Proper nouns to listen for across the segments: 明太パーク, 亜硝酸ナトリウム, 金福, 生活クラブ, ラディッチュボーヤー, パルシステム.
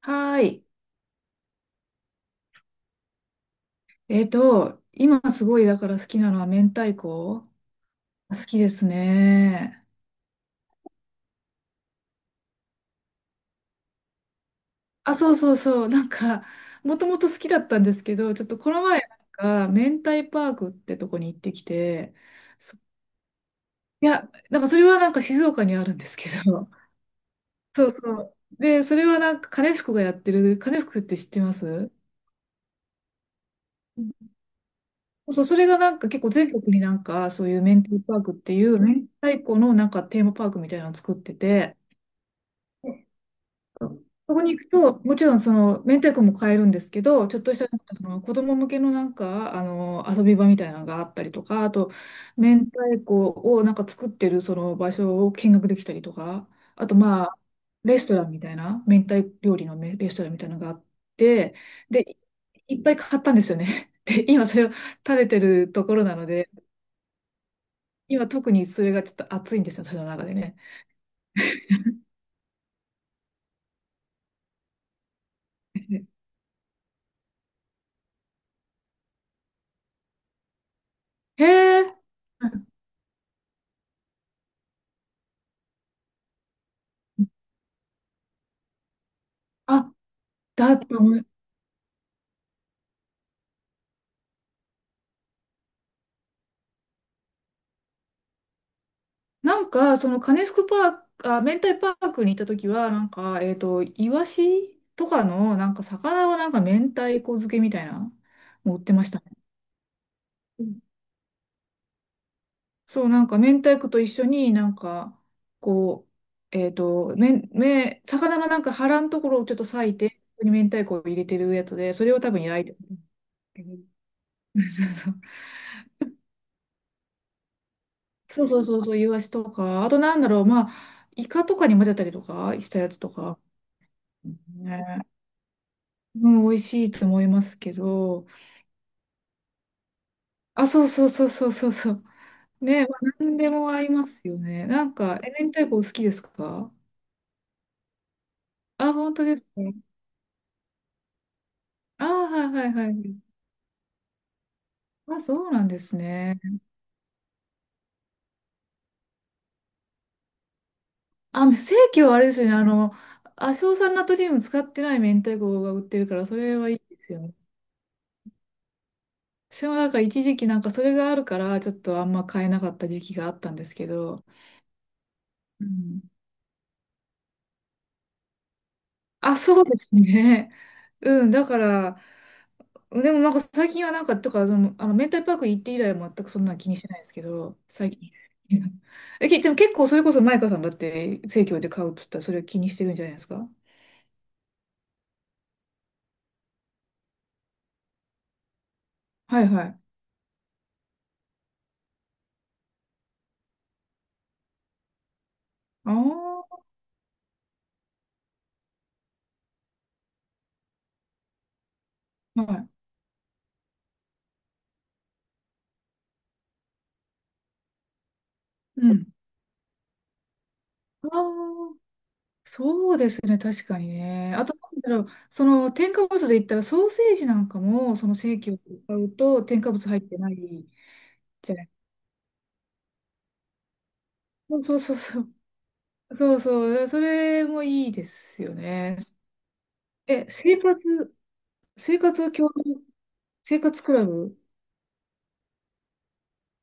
はーい。今すごいだから好きなのは明太子、好きですね。あ、そうそうそう。もともと好きだったんですけど、ちょっとこの前、明太パークってとこに行ってきて、そいや、それは静岡にあるんですけど、そうそう。で、それは金福がやってる、金福って知ってます？うん。そう、それが結構全国にそういう明太パークっていう、明太子のテーマパークみたいなのを作ってて、そこに行くと、もちろんその明太子も買えるんですけど、ちょっとしたその子供向けのあの遊び場みたいなのがあったりとか、あと明太子を作ってるその場所を見学できたりとか、あとまあレストランみたいな、明太料理のレストランみたいなのがあって、で、いっぱい買ったんですよね。で、今それを食べてるところなので、今特にそれがちょっと熱いんですよ、私の中でね。へえ。あ、だって思その金福パーク、あ、明太パークに行った時は、イワシとかの、魚は明太子漬けみたいな、もう売ってましたね。うん。そう、明太子と一緒になんか、こう、えっと、めん、め、魚の腹のところをちょっと裂いて、そこに明太子を入れてるやつで、それを多分焼いて。そうんそうそうそうそう、イワシとか、あとなんだろう、まあ、イカとかに混ぜたりとかしたやつとか、ね。うん、美味しいと思いますけど、あ、そうそうそうそうそうそう。ね、まあ、何でも合いますよね。なんか、え、明太子お好きですか？あ、本当ですか？あ、はいはいはい。あ、そうなんですね。あ、正規はあれですよね。あの、亜硝酸ナトリウム使ってない明太子が売ってるから、それはいいですよね。私も一時期それがあるから、ちょっとあんま買えなかった時期があったんですけど。うん。あ、そうですね。うん、だから、でも最近はなんか、とか、その、あの、明太パーク行って以来は全くそんな気にしてないですけど、最近。え、でも結構それこそマイカさんだって生協で買うっつったらそれを気にしてるんじゃないですか？はいはい。ああ、はい。うん。ああ、そうですね、確かにね。あと、なんだろう、その添加物で言ったらソーセージなんかも、その生協で買うと添加物入ってないじゃない。そうそうそうそう。そうそう。それもいいですよね。え、生活共同、生活クラブ、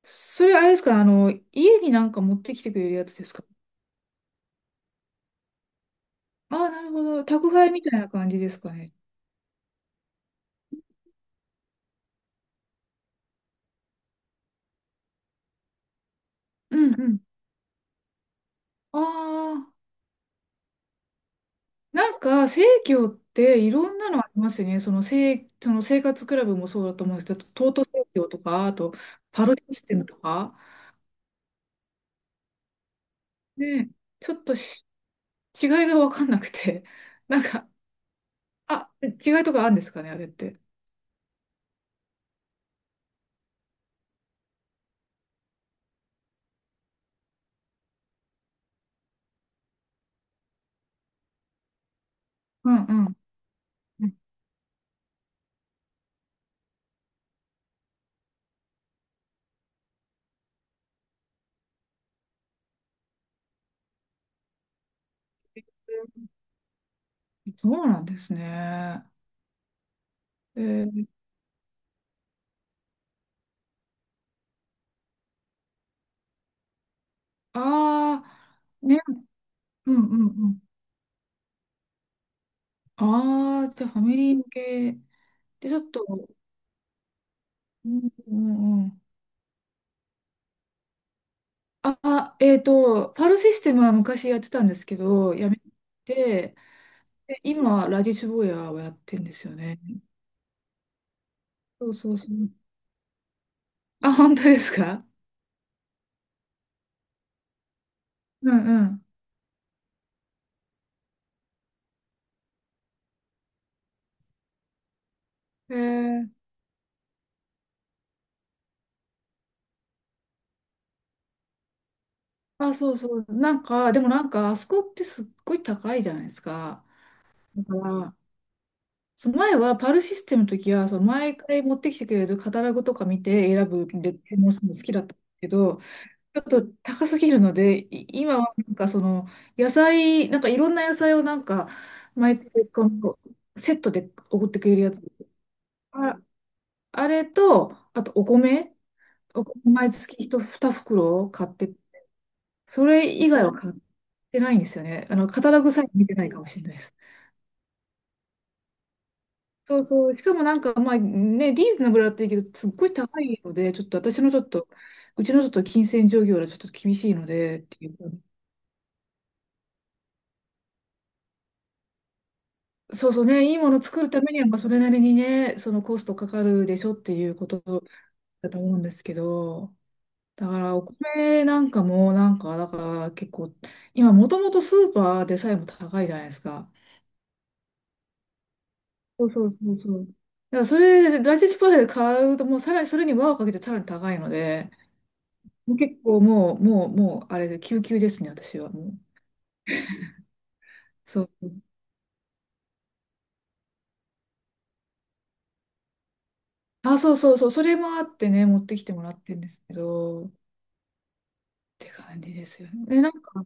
それあれですか、あの、家に持ってきてくれるやつですか？ああ、なるほど。宅配みたいな感じですかね。うんうん。ああ、生協っていろんなのありますよね。その、その生活クラブもそうだと思うんですけど、トート生協とか、あと、パロシステムとか。ね、ちょっとし違いが分かんなくて。なんか、あ、違いとかあるんですかね、あれって。うんうん。うん。そうなんですね。えー、ああ、ね、うんうんうん。ああ、じゃあファミリー向けで、ちょっと、うんうんうん。ああ、パールシステムは昔やってたんですけど、やめて、で、今、ラディッチュボーヤーをやってんですよね。そうそうそう。あ、本当ですか？うんうん。えー、あ、そうそう。なんか、でもなんか、あそこってすっごい高いじゃないですか。だから、そう、前はパールシステムの時は、その毎回持ってきてくれるカタログとか見て選ぶんで、注文するの好きだったけど、ちょっと高すぎるので、今はその野菜、なんかいろんな野菜を毎回このセットで送ってくれるやつ。あ、あれと、あとお米、お米毎月一2袋買って、それ以外は買ってないんですよね。あの、カタログさえ見てないかもしれないです。そうそう。しかもまあね、リーズナブルだったらいいけど、すっごい高いので、ちょっと私のちょっと、うちのちょっと金銭状況はちょっと厳しいので、っていう。そうそうね、いいもの作るためには、まあそれなりにね、そのコストかかるでしょっていうことだと思うんですけど、だからお米なんかも、だから結構、今もともとスーパーでさえも高いじゃないですか。そうそうそうそう。だからライチスーパーで買うと、もうさらにそれに輪をかけてさらに高いので、もう結構もう、もう、もう、あれで、救急ですね、私はもう。そう。あ、そうそうそう、それもあってね、持ってきてもらってるんですけど、って感じですよね。え、なんか、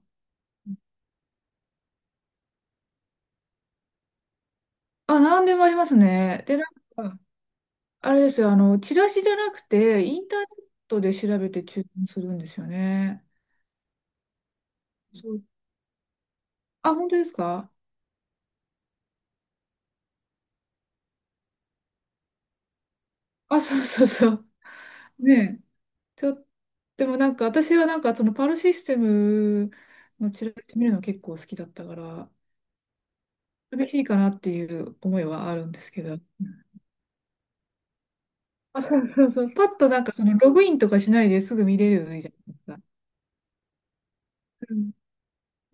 あ、なんでもありますね。で、なんか、あれですよ、あの、チラシじゃなくて、インターネットで調べて注文するんですよね。そう。あ、本当ですか？あ、そうそうそう。ねえ。ちょっでもなんか、私はそのパルシステムのチラシ見るの結構好きだったから、厳しいかなっていう思いはあるんですけど。あ、そうそうそう。パッとそのログインとかしないですぐ見れるじゃないですか。うん。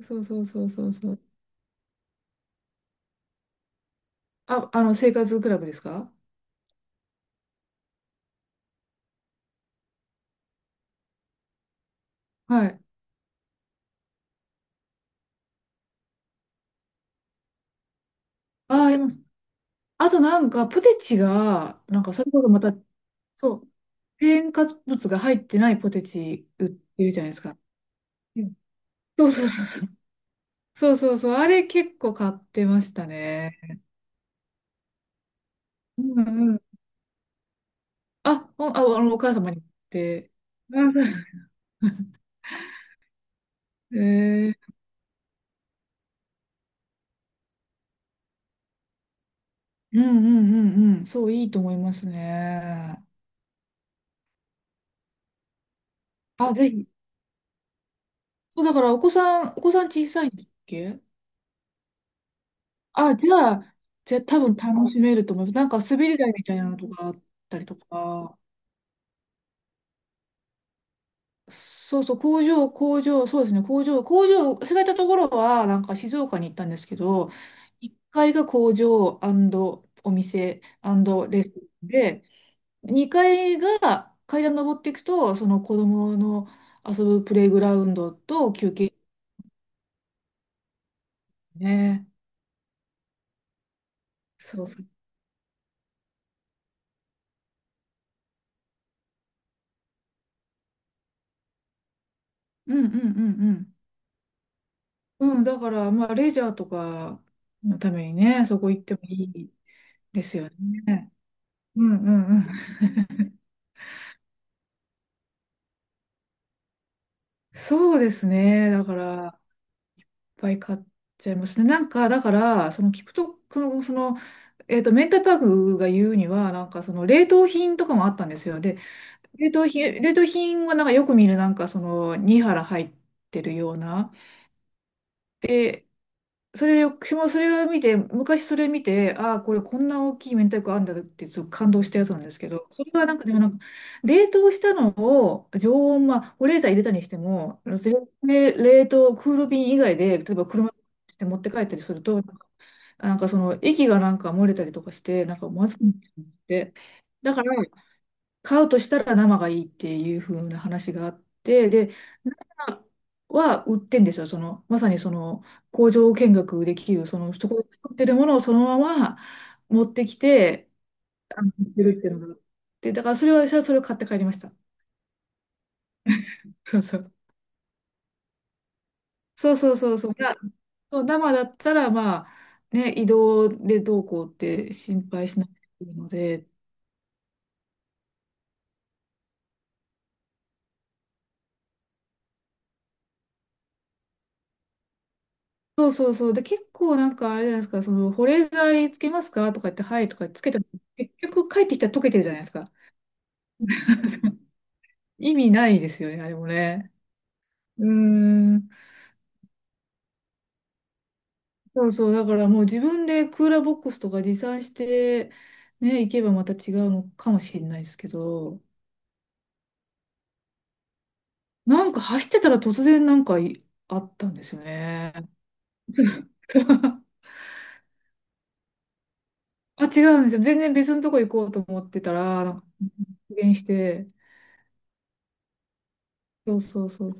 そうそうそうそうそう。あ、あの、生活クラブですか？はい。あ、あります。あとポテチが、それこそまた、そう、添加物が入ってないポテチ売ってるじゃないですか。うん。そうそうそうそう。そうそうそう。あれ結構買ってましたね。うんうん。あ、ほんあ、あの、お母様に言って。あ、そう。えー、うんうんうんうん。そう、いいと思いますね。あ、ぜひ。そう、だからお子さん、お子さん小さいんだっけ？あ、じゃあ、じゃあ多分楽しめると思います。なんか滑り台みたいなのとかあったりとか。そうそう、工場、工場、そうですね、工場、工場、忘れたところは、なんか静岡に行ったんですけど、1階が工場お店レストランで、2階が階段登っていくと、その子供の遊ぶプレイグラウンドと休憩ね。そうそう。うんうんうんうん。うん、だから、まあ、レジャーとかのためにね、そこ行ってもいいですよね。うんうんうん。そうですね。だから、いっぱい買っちゃいますね。なんか、だから、その聞くと、その、その、えっと、メンタパークが言うには、冷凍品とかもあったんですよ。で、冷凍品はよく見る、2腹入ってるような。で、それ、私もそれを見て、昔それ見て、ああ、これこんな大きい明太子あんだってちょっと感動したやつなんですけど、それはなんかでもなんか、冷凍したのを常温、まあ、保冷剤入れたにしても、冷凍、クール便以外で、例えば車で持って帰ったりすると、その液が漏れたりとかして、なんかまずくなっちゃって、だから、買うとしたら生がいいっていう風な話があって、で、は売ってんですよ。その、まさにその工場見学できる、その、そこで作ってるものをそのまま持ってきて、あの、売ってるっていうのが。で、だからそれは私はそれを買って帰りました。そうそう。そうそうそうそう。そう、生だったら、まあ、ね、移動でどうこうって心配しなくていいので、そうそうそう。で、結構なんかあれじゃないですか、その、保冷剤つけますかとか言って、はいとかつけても、結局帰ってきたら溶けてるじゃないですか。意味ないですよね、あれもね。うーん。そうそう、だからもう自分でクーラーボックスとか持参して、ね、行けばまた違うのかもしれないですけど、なんか走ってたら突然なんかいあったんですよね。あ、違うんですよ。全然別のとこ行こうと思ってたら、なんか発言して、そうそうそう